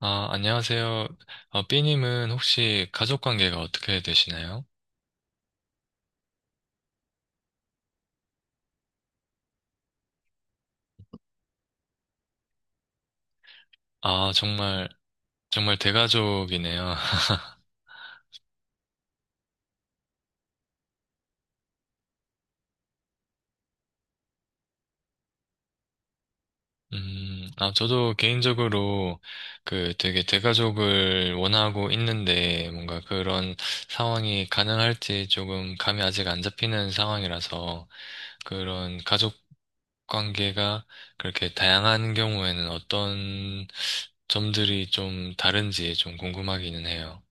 아, 안녕하세요. 삐님은 혹시 가족 관계가 어떻게 되시나요? 아, 정말, 정말 대가족이네요. 아, 저도 개인적으로 그 되게 대가족을 원하고 있는데 뭔가 그런 상황이 가능할지 조금 감이 아직 안 잡히는 상황이라서 그런 가족 관계가 그렇게 다양한 경우에는 어떤 점들이 좀 다른지 좀 궁금하기는 해요.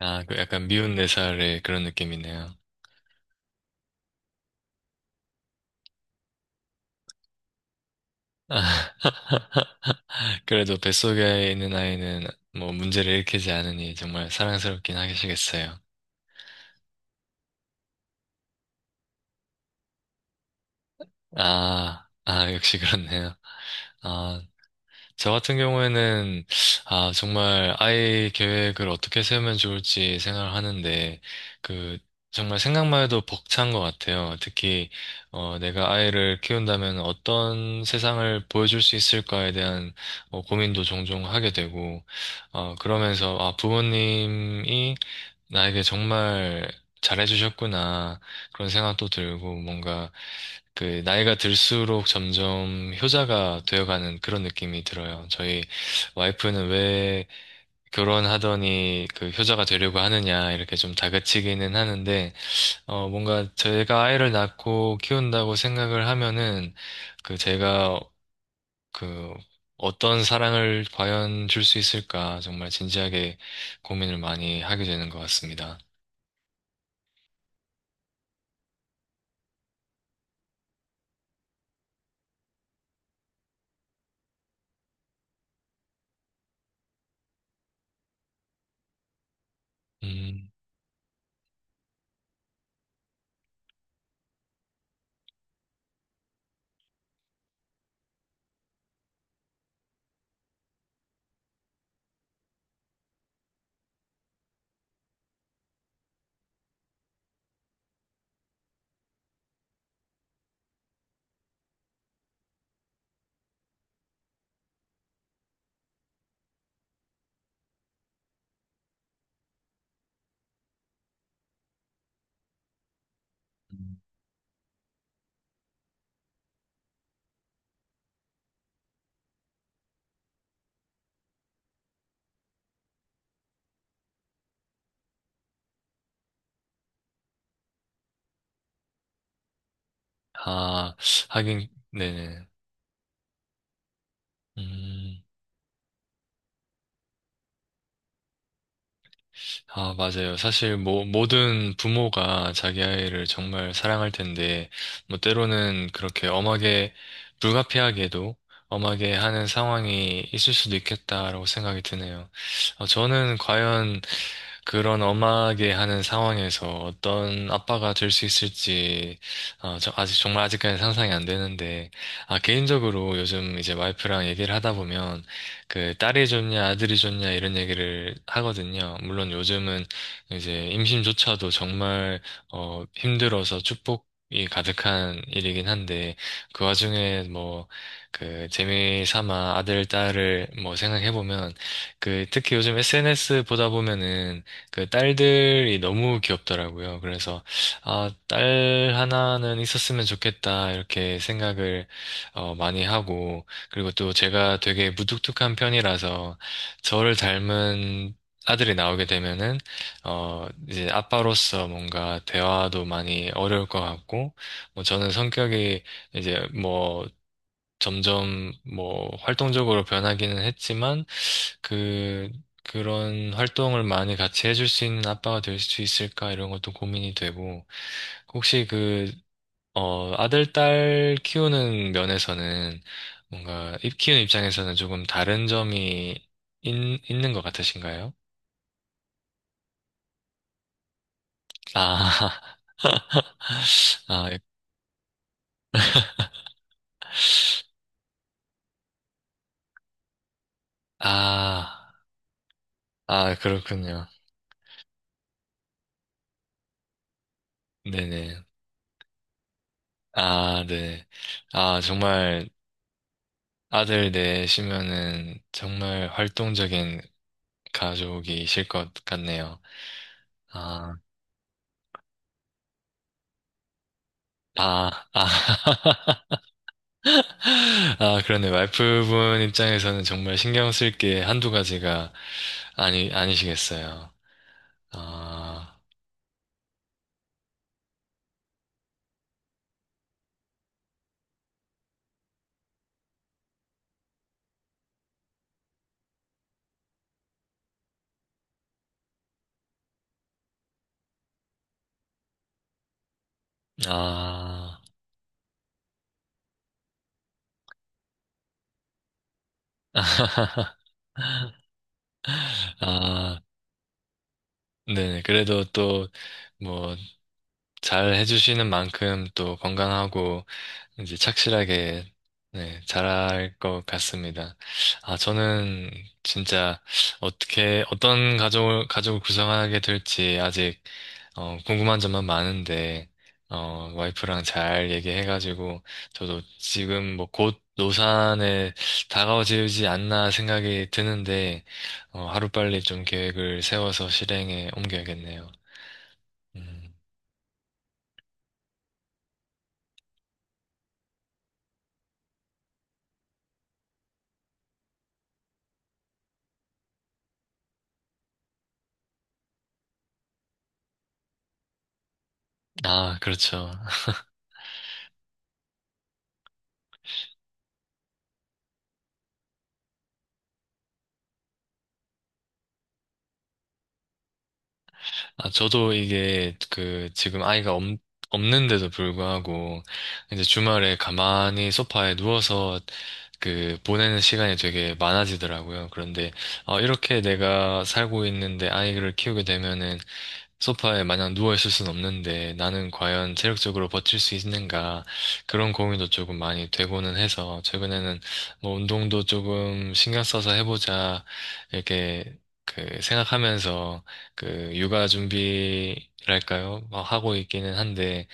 아, 그 약간 미운 네 살의 그런 느낌이네요. 아, 그래도 뱃속에 있는 아이는 뭐 문제를 일으키지 않으니 정말 사랑스럽긴 하시겠어요. 아, 아, 역시 그렇네요. 아, 저 같은 경우에는, 아, 정말 아이 계획을 어떻게 세우면 좋을지 생각을 하는데, 그, 정말 생각만 해도 벅찬 것 같아요. 특히, 내가 아이를 키운다면 어떤 세상을 보여줄 수 있을까에 대한 고민도 종종 하게 되고, 어, 그러면서, 아, 부모님이 나에게 정말 잘해주셨구나. 그런 생각도 들고, 뭔가, 그, 나이가 들수록 점점 효자가 되어가는 그런 느낌이 들어요. 저희 와이프는 왜 결혼하더니 그 효자가 되려고 하느냐, 이렇게 좀 다그치기는 하는데, 뭔가 제가 아이를 낳고 키운다고 생각을 하면은, 그, 제가, 그, 어떤 사랑을 과연 줄 수 있을까, 정말 진지하게 고민을 많이 하게 되는 것 같습니다. 음. 음. 아, 하긴, 네네. 음, 아, 맞아요. 사실, 뭐, 모든 부모가 자기 아이를 정말 사랑할 텐데, 뭐, 때로는 그렇게 엄하게, 불가피하게도 엄하게 하는 상황이 있을 수도 있겠다라고 생각이 드네요. 저는 과연 그런 엄하게 하는 상황에서 어떤 아빠가 될 수 있을지 저 아직 정말 아직까지 상상이 안 되는데 아 개인적으로 요즘 이제 와이프랑 얘기를 하다 보면 그 딸이 좋냐 아들이 좋냐 이런 얘기를 하거든요. 물론 요즘은 이제 임신조차도 정말 힘들어서 축복 이 가득한 일이긴 한데 그 와중에 뭐 그 재미 삼아 아들 딸을 뭐 생각해 보면 그 특히 요즘 SNS 보다 보면은 그 딸들이 너무 귀엽더라고요. 그래서 아, 딸 하나는 있었으면 좋겠다 이렇게 생각을 어, 많이 하고 그리고 또 제가 되게 무뚝뚝한 편이라서 저를 닮은 아들이 나오게 되면은 이제 아빠로서 뭔가 대화도 많이 어려울 것 같고 뭐 저는 성격이 이제 뭐 점점 뭐 활동적으로 변하기는 했지만 그, 그런 활동을 많이 같이 해줄 수 있는 아빠가 될 수 있을까 이런 것도 고민이 되고, 혹시 그, 어, 아들, 딸 키우는 면에서는 뭔가 입 키우는 입장에서는 조금 다른 점이 있는 것 같으신가요? 아, 아, 아, 아, 그렇군요. 네네. 아, 네. 아, 정말 아들 내시면은 정말 활동적인 가족이실 것 같네요. 아, 아, 아. 아, 그러네. 와이프분 입장에서는 정말 신경 쓸게 한두 가지가 아니, 아니시겠어요. 아, 아. 아, 네네. 그래도 또, 뭐, 잘 해주시는 만큼 또 건강하고 이제 착실하게 네, 잘할 것 같습니다. 아, 저는 진짜 어떤 가족을 구성하게 될지 아직 어, 궁금한 점만 많은데, 어, 와이프랑 잘 얘기해가지고, 저도 지금 뭐 곧 노산에 다가오지 않나 생각이 드는데, 어, 하루빨리 좀 계획을 세워서 실행에 옮겨야겠네요. 음, 아, 그렇죠. 아, 저도 이게 그 지금 아이가 없는데도 불구하고 이제 주말에 가만히 소파에 누워서 그 보내는 시간이 되게 많아지더라고요. 그런데 어, 이렇게 내가 살고 있는데 아이를 키우게 되면은 소파에 마냥 누워있을 순 없는데 나는 과연 체력적으로 버틸 수 있는가 그런 고민도 조금 많이 되고는 해서 최근에는 뭐 운동도 조금 신경 써서 해보자 이렇게 그 생각하면서 그 육아 준비랄까요? 뭐 하고 있기는 한데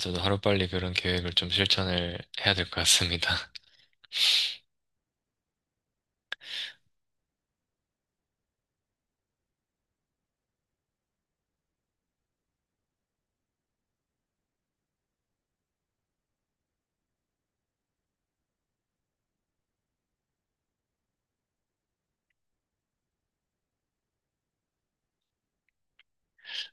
저도 하루빨리 그런 계획을 좀 실천을 해야 될 것 같습니다.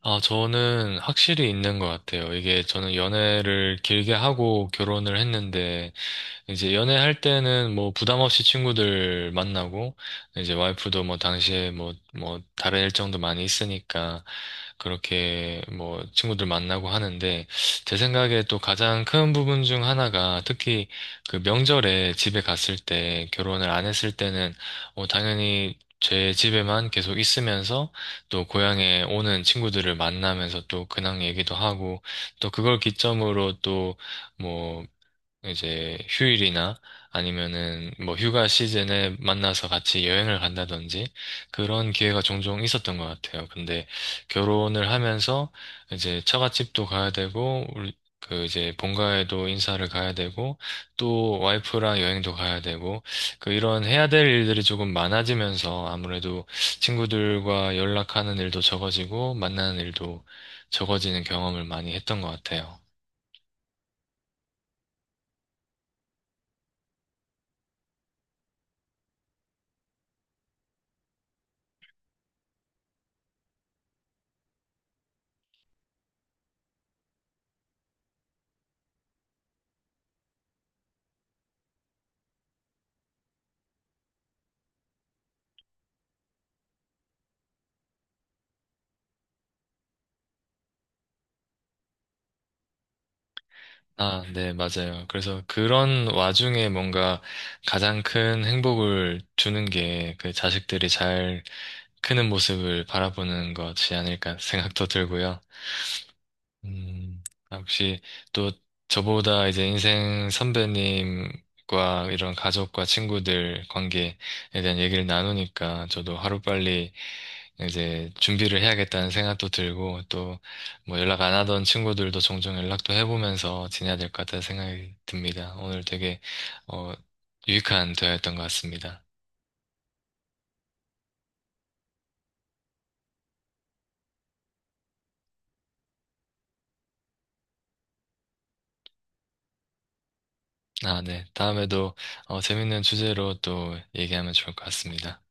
아, 저는 확실히 있는 것 같아요. 이게 저는 연애를 길게 하고 결혼을 했는데 이제 연애할 때는 뭐 부담 없이 친구들 만나고 이제 와이프도 뭐 당시에 뭐 다른 일정도 많이 있으니까 그렇게 뭐 친구들 만나고 하는데 제 생각에 또 가장 큰 부분 중 하나가 특히 그 명절에 집에 갔을 때 결혼을 안 했을 때는 당연히 제 집에만 계속 있으면서 또 고향에 오는 친구들을 만나면서 또 근황 얘기도 하고 또 그걸 기점으로 또뭐 이제 휴일이나 아니면은 뭐 휴가 시즌에 만나서 같이 여행을 간다든지 그런 기회가 종종 있었던 것 같아요. 근데 결혼을 하면서 이제 처갓집도 가야 되고 우리 그 이제 본가에도 인사를 가야 되고 또 와이프랑 여행도 가야 되고 그 이런 해야 될 일들이 조금 많아지면서 아무래도 친구들과 연락하는 일도 적어지고 만나는 일도 적어지는 경험을 많이 했던 것 같아요. 아, 네, 맞아요. 그래서 그런 와중에 뭔가 가장 큰 행복을 주는 게 그 자식들이 잘 크는 모습을 바라보는 것이 아닐까 생각도 들고요. 음, 아, 혹시 또 저보다 이제 인생 선배님과 이런 가족과 친구들 관계에 대한 얘기를 나누니까 저도 하루빨리 이제 준비를 해야겠다는 생각도 들고 또 뭐 연락 안 하던 친구들도 종종 연락도 해보면서 지내야 될 것 같다는 생각이 듭니다. 오늘 되게 어, 유익한 대화였던 것 같습니다. 아, 네. 다음에도 재밌는 주제로 또 얘기하면 좋을 것 같습니다.